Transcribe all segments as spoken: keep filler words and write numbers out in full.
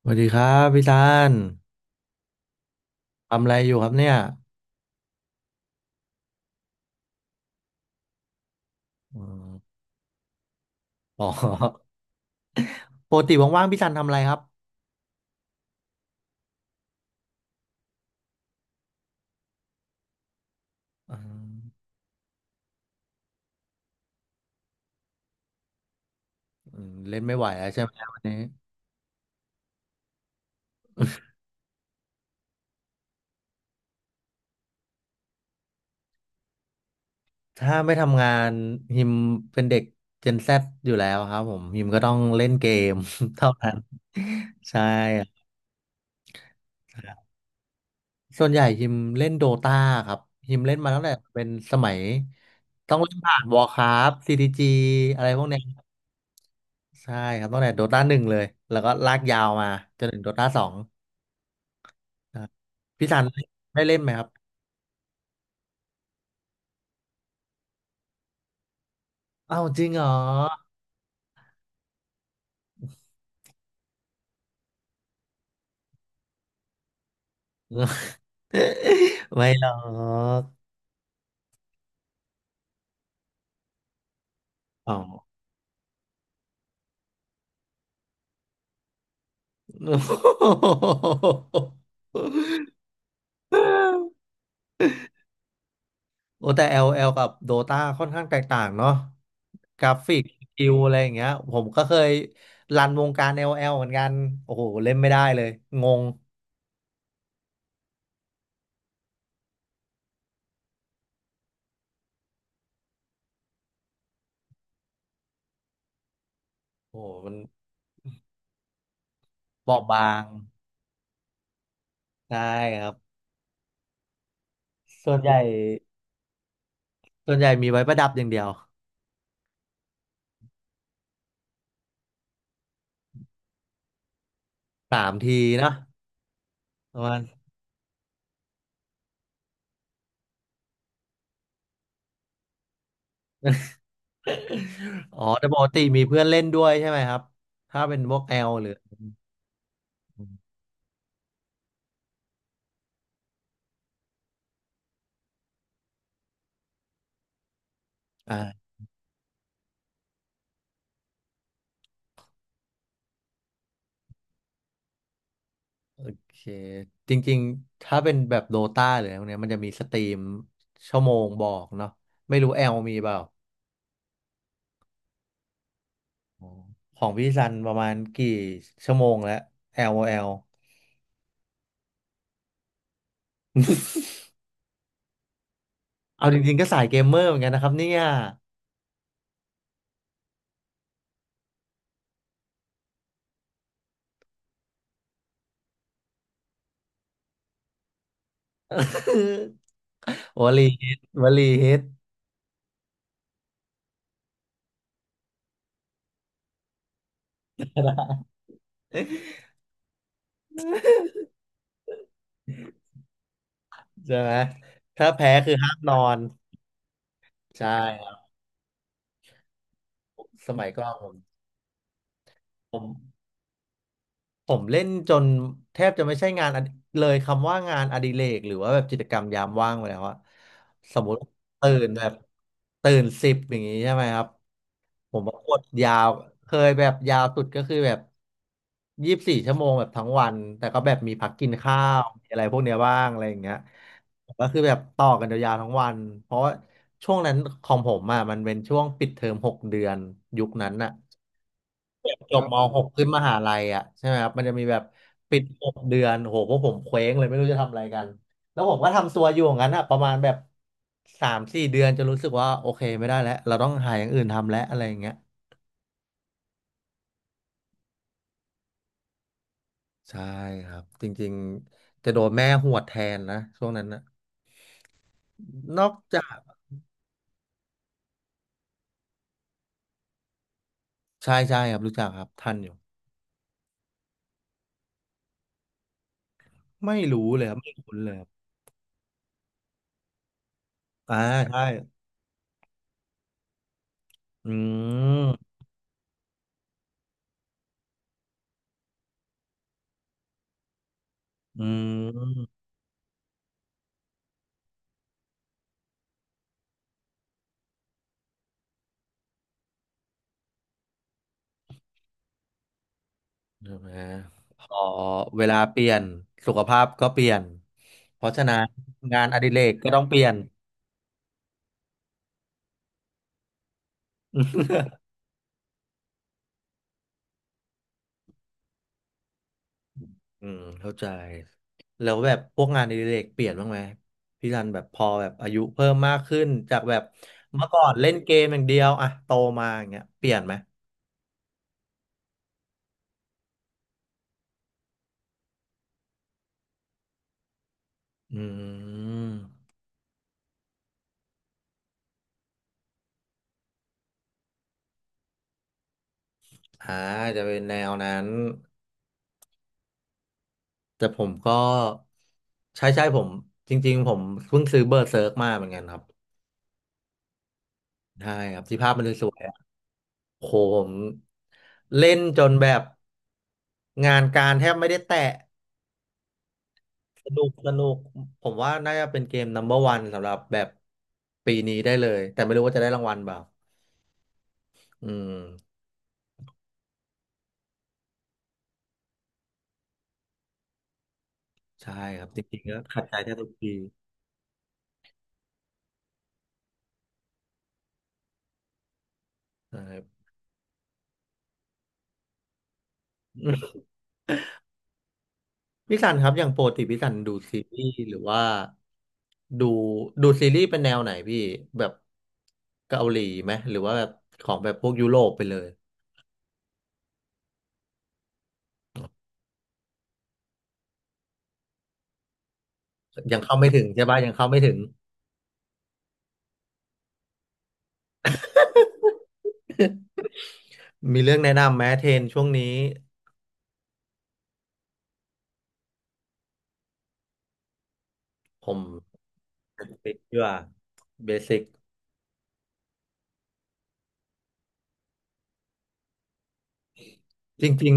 สวัสดีครับพี่ซันทำอะไรอยู่ครับเนี่ยอืมอ๋อ ปกติว่างๆพี่ซันทำอะไรครับอืมอืมเล่นไม่ไหวแล้วใช่ไหมวันนี้ถ้าไม่ทำงานฮิมเป็นเด็กเจน Z ซอยู่แล้วครับผมฮิมก็ต้องเล่นเกม เท่านั้นใช่ครับส่วนใหญ่ฮิมเล่นโดตาครับฮิมเล่นมาตั้งแต่เป็นสมัยต้องเล่นผ่านวอ r ์คราฟซีดีจีอะไรพวกเนี้ยใช่ครับตั้งแต่โดตาหนึ่งเลยแล้วก็ลากยาวมาจนถึงโดตาสอง ครับพี่ทันได้เล่นไหมครับอ้าวจริงเหรอ ไม่หรอกอ๋อ โอ้แต่ แอล แอล กับ Dota ค่อนข้างแตกต่างเนาะกราฟิกสกิลอะไรอย่างเงี้ยผมก็เคยรันวงการ แอล แอล เหมือนกันโอ้โหเล่นไม่ได้เลยงงโอ้โหมันบอบบางใช่ครับส่วนใหญ่ส่วนใหญ่มีไว้ประดับอย่างเดียวสามทีนะ อ๋อแต่ปกติมีเพื่อนเล่นด้วยใช่ไหมครับถ้าเป็นพวกแอลหรืออ่าโอเคจริงๆถ้าเป็นแบบโดตาหรืออะไรพวกเนี้ยมันจะมีสตรีมชั่วโมงบอกเนาะไม่รู้แอลมีเปล่าอ๋อของพี่ซันประมาณกี่ชั่วโมงแล้วแอลแอลเอาจริงๆก็สายเกมเมอร์เหมือนกันนะครับเนี่ย วลีฮิตวลีฮิตใช่ไหมถ้าแพ้คือห้ามนอนใช่ครับสมัยก่อนผมผม ผมเล่นจนแทบจะไม่ใช่งานอดิเลยคำว่างานอดิเรกหรือว่าแบบกิจกรรมยามว่างไปแล้วอะสมมติตื่นแบบตื่นสิบอย่างงี้ใช่ไหมครับผมว่ากดยาวเคยแบบยาวสุดก็คือแบบยี่สิบสี่ชั่วโมงแบบทั้งวันแต่ก็แบบมีพักกินข้าวมีอะไรพวกเนี้ยบ้างอะไรอย่างเงี้ยก็คือแบบต่อกันยาวๆทั้งวันเพราะว่าช่วงนั้นของผมอะมันเป็นช่วงปิดเทอมหกเดือนยุคนั้นอะ จบม .หก ขึ้นมหาลัยอ่ะใช่ไหมครับมันจะมีแบบปิดหกเดือนโหพวกผมเคว้งเลยไม่รู้จะทำอะไรกันแล้วผมก็ทำตัวอยู่อย่างนั้นอ่ะประมาณแบบสามสี่เดือนจะรู้สึกว่าโอเคไม่ได้แล้วเราต้องหาอย่างอื่นทำแล้วอะไรอย่างเงี้ยใช่ครับจริงๆจะโดนแม่หวดแทนนะช่วงนั้นนะนอกจากใช่ใช่ครับรู้จักครับทันอยู่ไม่รู้เลยครับไม่คุ้นเลยครับอ่าใช่อืมอืม ใช่ไหมพอเวลาเปลี่ยนสุขภาพก็เปลี่ยนเพราะฉะนั้นงานอดิเรกก็ต้องเปลี่ยนอืมเข้าใจแล้วแบบพวกงานอดิเรกเปลี่ยนบ้างไหมพี่รันแบบพอแบบอายุเพิ่มมากขึ้นจากแบบเมื่อก่อนเล่นเกมอย่างเดียวอะโตมาอย่างเงี้ยเปลี่ยนไหมอืมอ่าจะเป็นแนวนั้นแต่ผมก็ใช่ใช่ผมจริงๆผมเพิ่งซื้อเบอร์เซิร์กมาเหมือนกันครับใช่ครับที่ภาพมันสวย โหผมเล่นจนแบบงานการแทบไม่ได้แตะสนุกสนุกผมว่าน่าจะเป็นเกม number one สำหรับแบบปีนี้ได้เลยแต่ไม่รู้ว่าจะได้รางวัลเปล่าอืมใช่ครับจริงๆก็ขัดใจแทบทุกปีนะครับ พี่สันครับอย่างปกติพี่สันดูซีรีส์หรือว่าดูดูซีรีส์เป็นแนวไหนพี่แบบเกาหลีไหมหรือว่าแบบของแบบพวกยุโรปไปเลยยังเข้าไม่ถึงใช่ปะยังเข้าไม่ถึง มีเรื่องแนะนำไหมเทรนช่วงนี้ผมเบสิกเพื่อเบสิกจริง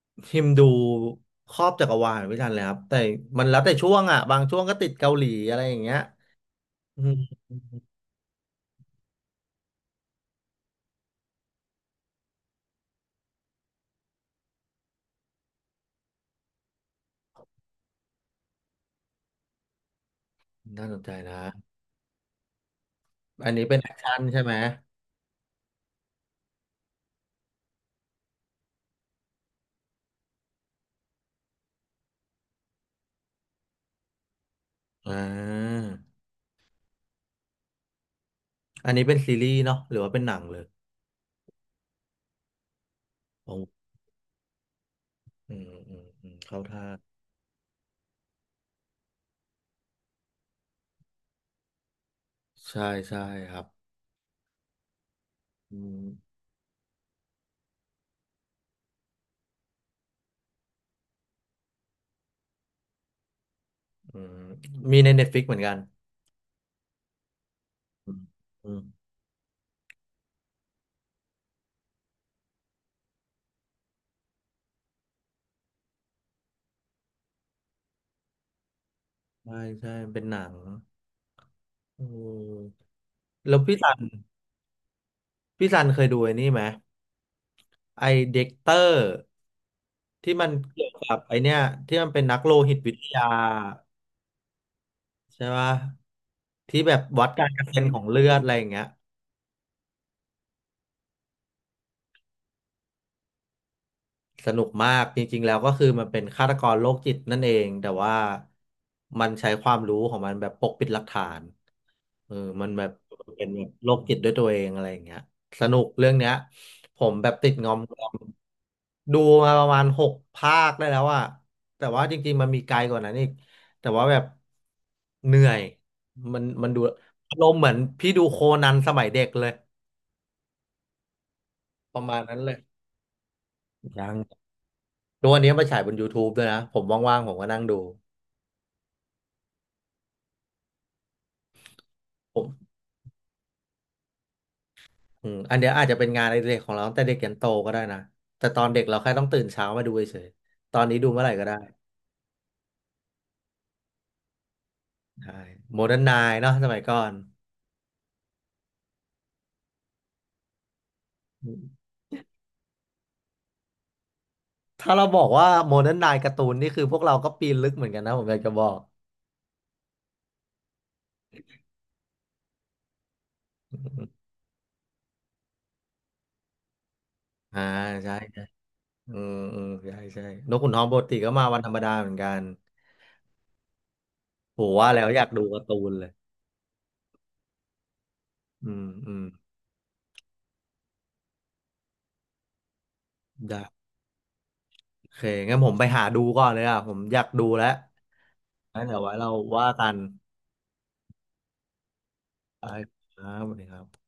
ๆทิมดูครอบจักรวาลไม่ทันเลยครับแต่มันแล้วแต่ช่วงอ่ะบางช่วงก็ติดเกาหลีอะไรอย่างเงี้ยอืมน่าสนใจนะอันนี้เป็นแอคชั่นใช่ไหมอ่าอันนี้เป็นซีรีส์เนาะหรือว่าเป็นหนังเลยผมอืมอืมอืมเข้าท่าใช่ใช่ครับอืมอืมมีใน Netflix เหมือนกันอืมอืมใช่ใช่เป็นหนังอืม แล้วพี่ซันพี่ซันเคยดูไอ้นี่ไหมไอเด็กเตอร์ที่มันเกี่ยวกับไอเนี้ยที่มันเป็นนักโลหิตวิทยาใช่ปะที่แบบวัดการกระเซ็นของเลือดอะไรอย่างเงี้ย สนุกมากจริงๆแล้วก็คือมันเป็นฆาตกรโรคจิตนั่นเองแต่ว่ามันใช้ความรู้ของมันแบบปกปิดหลักฐานเออมันแบบเป็นแบบโรคจิตด้วยตัวเองอะไรอย่างเงี้ยสนุกเรื่องเนี้ยผมแบบติดงอมๆดูมาประมาณหกภาคได้แล้วอะแต่ว่าจริงๆมันมีไกลกว่านั้นอีกแต่ว่าแบบเหนื่อยมันมันดูอารมณ์เหมือนพี่ดูโคนันสมัยเด็กเลยประมาณนั้นเลยยัง ทุกวันนี้มาฉายบน YouTube ด้วยนะผมว่างๆผมก็นั่งดูผมอืมอันเนี้ยอาจจะเป็นงานในเด็กของเราตั้งแต่เด็กยันโตก็ได้นะแต่ตอนเด็กเราแค่ต้องตื่นเช้ามาดูเฉยๆตอนนี้ดูเมื่อไหร่ก็ได้ใช่โมเดิร์นไนน์เนาะสมัยก่อนถ้าเราบอกว่าโมเดิร์นไนน์การ์ตูนนี่คือพวกเราก็ปีนลึกเหมือนกันนะผมอยากจะบอกอ่าใช่ใช่อืมอืมใช่ใช่นกขุนทองปกติก็มาวันธรรมดาเหมือนกันโหว่าแล้วอยากดูการ์ตูนเลยอืมอืมได้โอเคงั้นผมไปหาดูก่อนเลยอ่ะผมอยากดูแล้ว งั้นเดี๋ยวไว้เราว่ากันไปครับสวัสดีครับ